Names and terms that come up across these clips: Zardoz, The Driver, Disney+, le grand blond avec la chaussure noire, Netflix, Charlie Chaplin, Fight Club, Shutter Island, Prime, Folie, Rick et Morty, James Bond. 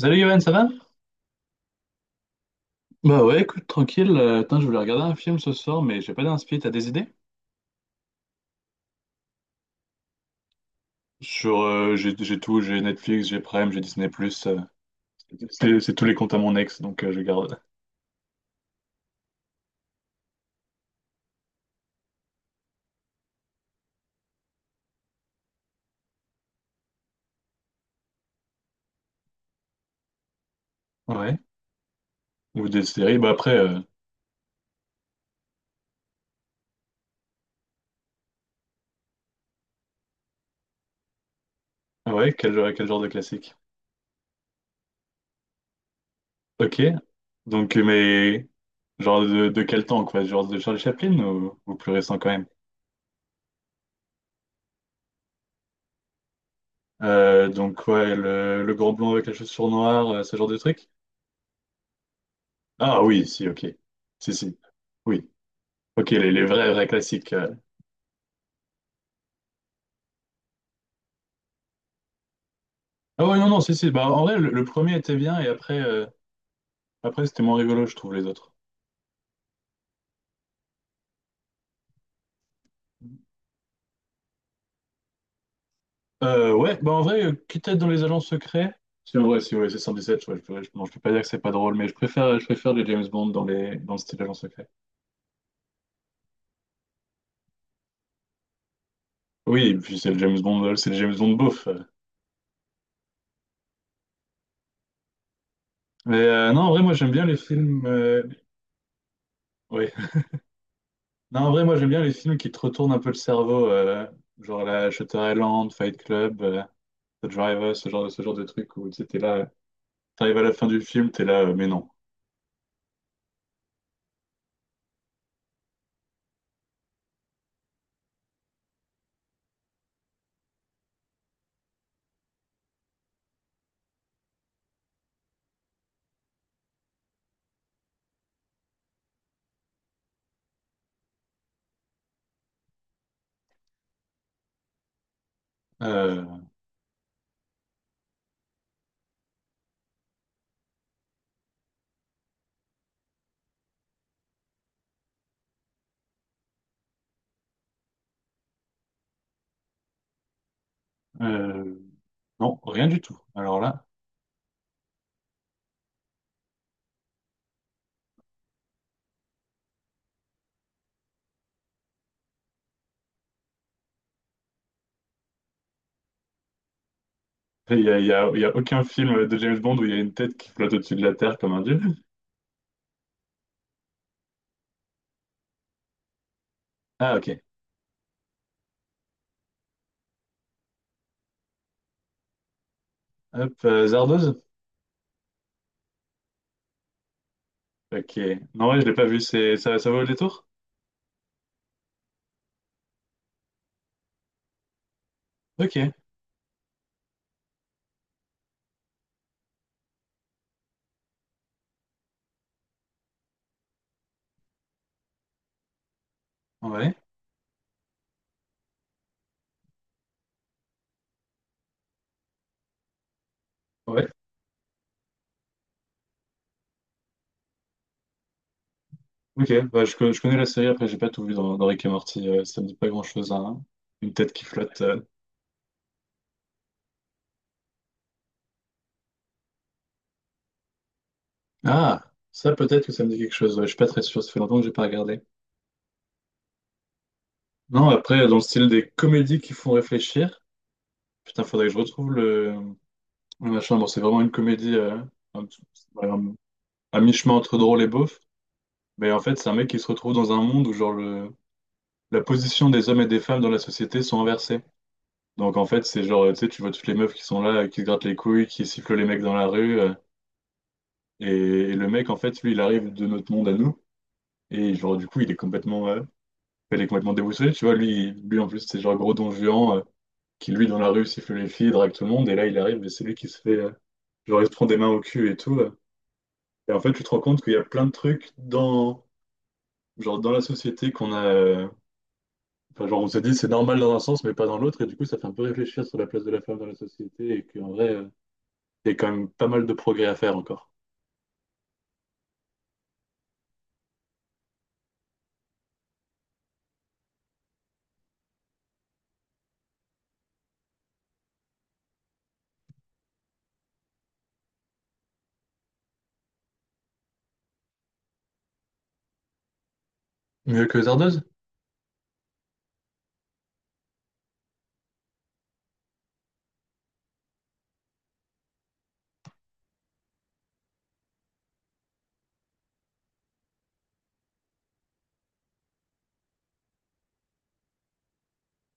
Salut Johan, ça va? Bah ouais, écoute, tranquille. Attends, je voulais regarder un film ce soir, mais j'ai pas d'inspi. T'as des idées? Sur, j'ai tout, j'ai Netflix, j'ai Prime, j'ai Disney+. euh, c'est tous les comptes à mon ex, donc je garde. Ouais. Ou des séries. Bah après, ah ouais, quel genre de classique? Ok. Donc, mais genre de quel temps, quoi? Genre de Charlie Chaplin ou plus récent quand même? Donc ouais, le grand blond avec la chaussure noire, ce genre de truc? Ah oui, si, ok. Si, si. Oui. Ok, les vrais, vrais classiques. Ah ouais, non, non, si, si. Bah, en vrai, le premier était bien et après c'était moins rigolo, je trouve, les autres. Ouais, bah en vrai, quitte à être dans les agents secrets, si en vrai, si ouais, c'est 117, ouais, non, je peux pas dire que c'est pas drôle, mais je préfère les James Bond dans le style agent secret. Oui, et puis c'est le James Bond, c'est le James Bond beauf. Mais non, en vrai, moi j'aime bien les films. Ouais. Non, en vrai, moi j'aime bien les films qui te retournent un peu le cerveau, genre la Shutter Island, Fight Club, The Driver, ce genre de truc où tu étais là. T'arrives à la fin du film, t'es là, mais non. Euh, euh, non, rien du tout. Alors là, il y a, il y a- il y a aucun film de James Bond où il y a une tête qui flotte au-dessus de la terre comme un dieu. Ah, ok. Hop, Zardoz? Ok. Non, ouais, je l'ai pas vu, ça vaut le détour? Ok. Ouais. Ouais. Ok. Bah, je connais la série, après, j'ai pas tout vu dans Rick et Morty, ça me dit pas grand-chose, hein. Une tête qui flotte. Ah! Ça, peut-être que ça me dit quelque chose. Ouais, je suis pas très sûr, ça fait longtemps que j'ai pas regardé. Non, après, dans le style des comédies qui font réfléchir. Putain, faudrait que je retrouve le machin. Bon, c'est vraiment une comédie un petit- euh, à mi-chemin entre drôle et beauf. Mais en fait, c'est un mec qui se retrouve dans un monde où genre la position des hommes et des femmes dans la société sont inversées. Donc en fait, c'est genre, tu sais, tu vois toutes les meufs qui sont là, qui se grattent les couilles, qui sifflent les mecs dans la rue. Et... et le mec, en fait, lui, il arrive de notre monde à nous. Et genre, du coup, il est complètement déboussolé. Tu vois, lui en plus, c'est genre gros don Juan, qui, lui, dans la rue, siffle les filles, drague tout le monde. Et là, il arrive et c'est lui qui se fait. Genre, il se prend des mains au cul et tout. Et en fait, tu te rends compte qu'il y a plein de trucs dans, genre, dans la société qu'on a. Enfin, genre, on se dit c'est normal dans un sens, mais pas dans l'autre. Et du coup, ça fait un peu réfléchir sur la place de la femme dans la société. Et qu'en vrai, il y a quand même pas mal de progrès à faire encore. Mieux que Zardoz?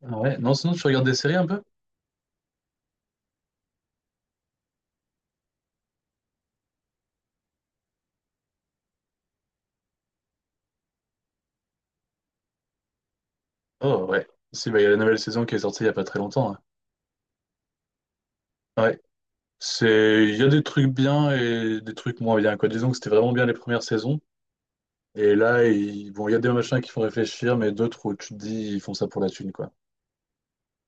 Ah ouais. Non, sinon, tu regardes des séries un peu? Oh, ouais. Si, bah, il y a la nouvelle saison qui est sortie il y a pas très longtemps, hein. Ouais. Il y a des trucs bien et des trucs moins bien, quoi. Disons que c'était vraiment bien les premières saisons. Et là, bon, il y a des machins qui font réfléchir, mais d'autres où tu te dis, ils font ça pour la thune, quoi.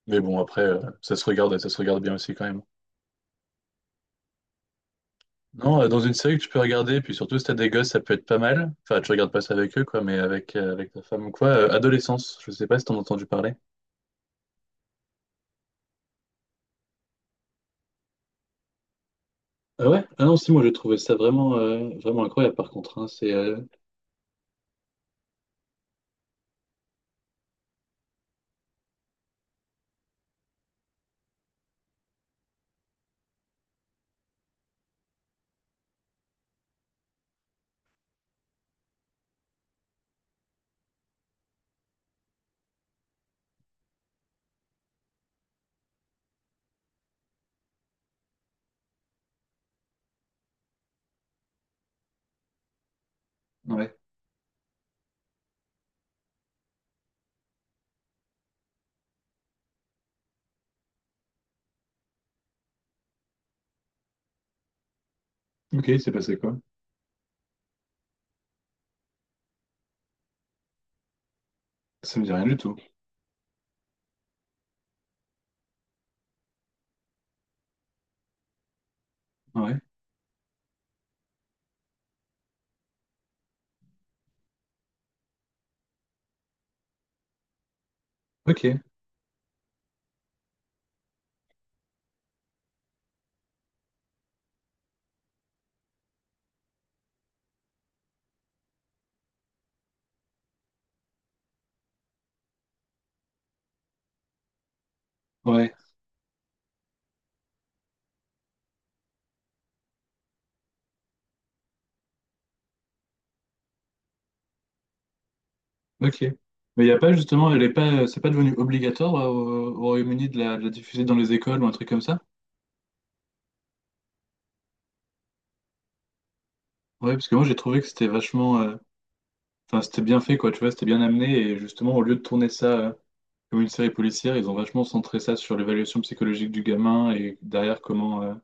Mais bon, après, ça se regarde bien aussi quand même. Non, dans une série que tu peux regarder, puis surtout si t'as des gosses, ça peut être pas mal. Enfin, tu regardes pas ça avec eux, quoi, mais avec ta femme ou quoi. Adolescence, je sais pas si t'en as entendu parler. Ah ouais? Ah non, si, moi j'ai trouvé ça vraiment, vraiment incroyable par contre, hein. Ouais. Ok, c'est passé quoi? Ça me dit rien du tout. Ouais. Ok. Ouais. Ok. Mais il y a pas justement, elle est pas, c'est pas devenu obligatoire au Royaume-Uni de la diffuser dans les écoles ou un truc comme ça? Ouais, parce que moi j'ai trouvé que c'était vachement. Enfin, c'était bien fait, quoi, tu vois, c'était bien amené. Et justement, au lieu de tourner ça comme une série policière, ils ont vachement centré ça sur l'évaluation psychologique du gamin et derrière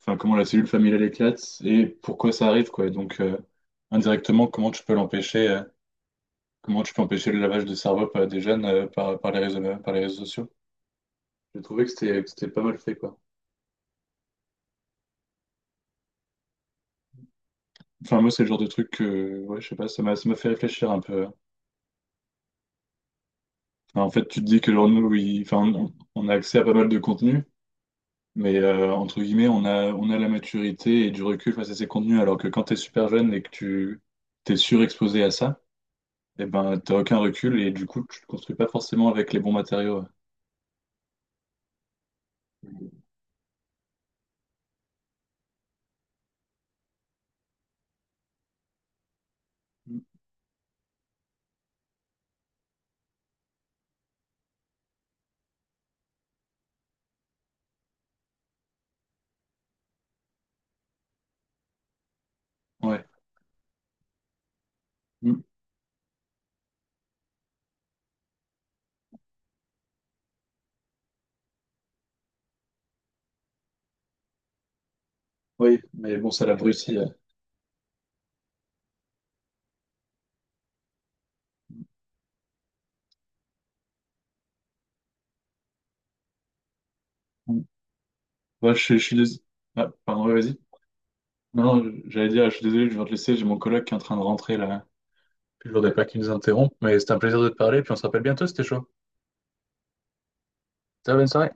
enfin, comment la cellule familiale éclate et pourquoi ça arrive, quoi. Et donc, indirectement, comment tu peux empêcher le lavage de cerveau par des jeunes par les réseaux sociaux. J'ai trouvé que c'était pas mal fait, quoi. Enfin, moi, c'est le genre de truc que, ouais, je sais pas, ça m'a fait réfléchir un peu. Enfin, en fait, tu te dis que, genre, nous, enfin, on a accès à pas mal de contenu. Mais entre guillemets, on a la maturité et du recul face à ces contenus, alors que quand tu es super jeune et que tu t'es surexposé à ça, eh ben, t'as aucun recul et du coup, tu te construis pas forcément avec les bons matériaux. Mm. Ouais. Mm. Oui, mais bon, ça l'abrutit. Mm. Ouais, Ah, pardon, ouais, vas-y. Non, non, j'allais dire, je suis désolé, je viens te laisser, j'ai mon collègue qui est en train de rentrer là. Puis je voudrais pas qu'il nous interrompe, mais c'était un plaisir de te parler, puis on se rappelle bientôt, c'était chaud. Ciao, bonne soirée.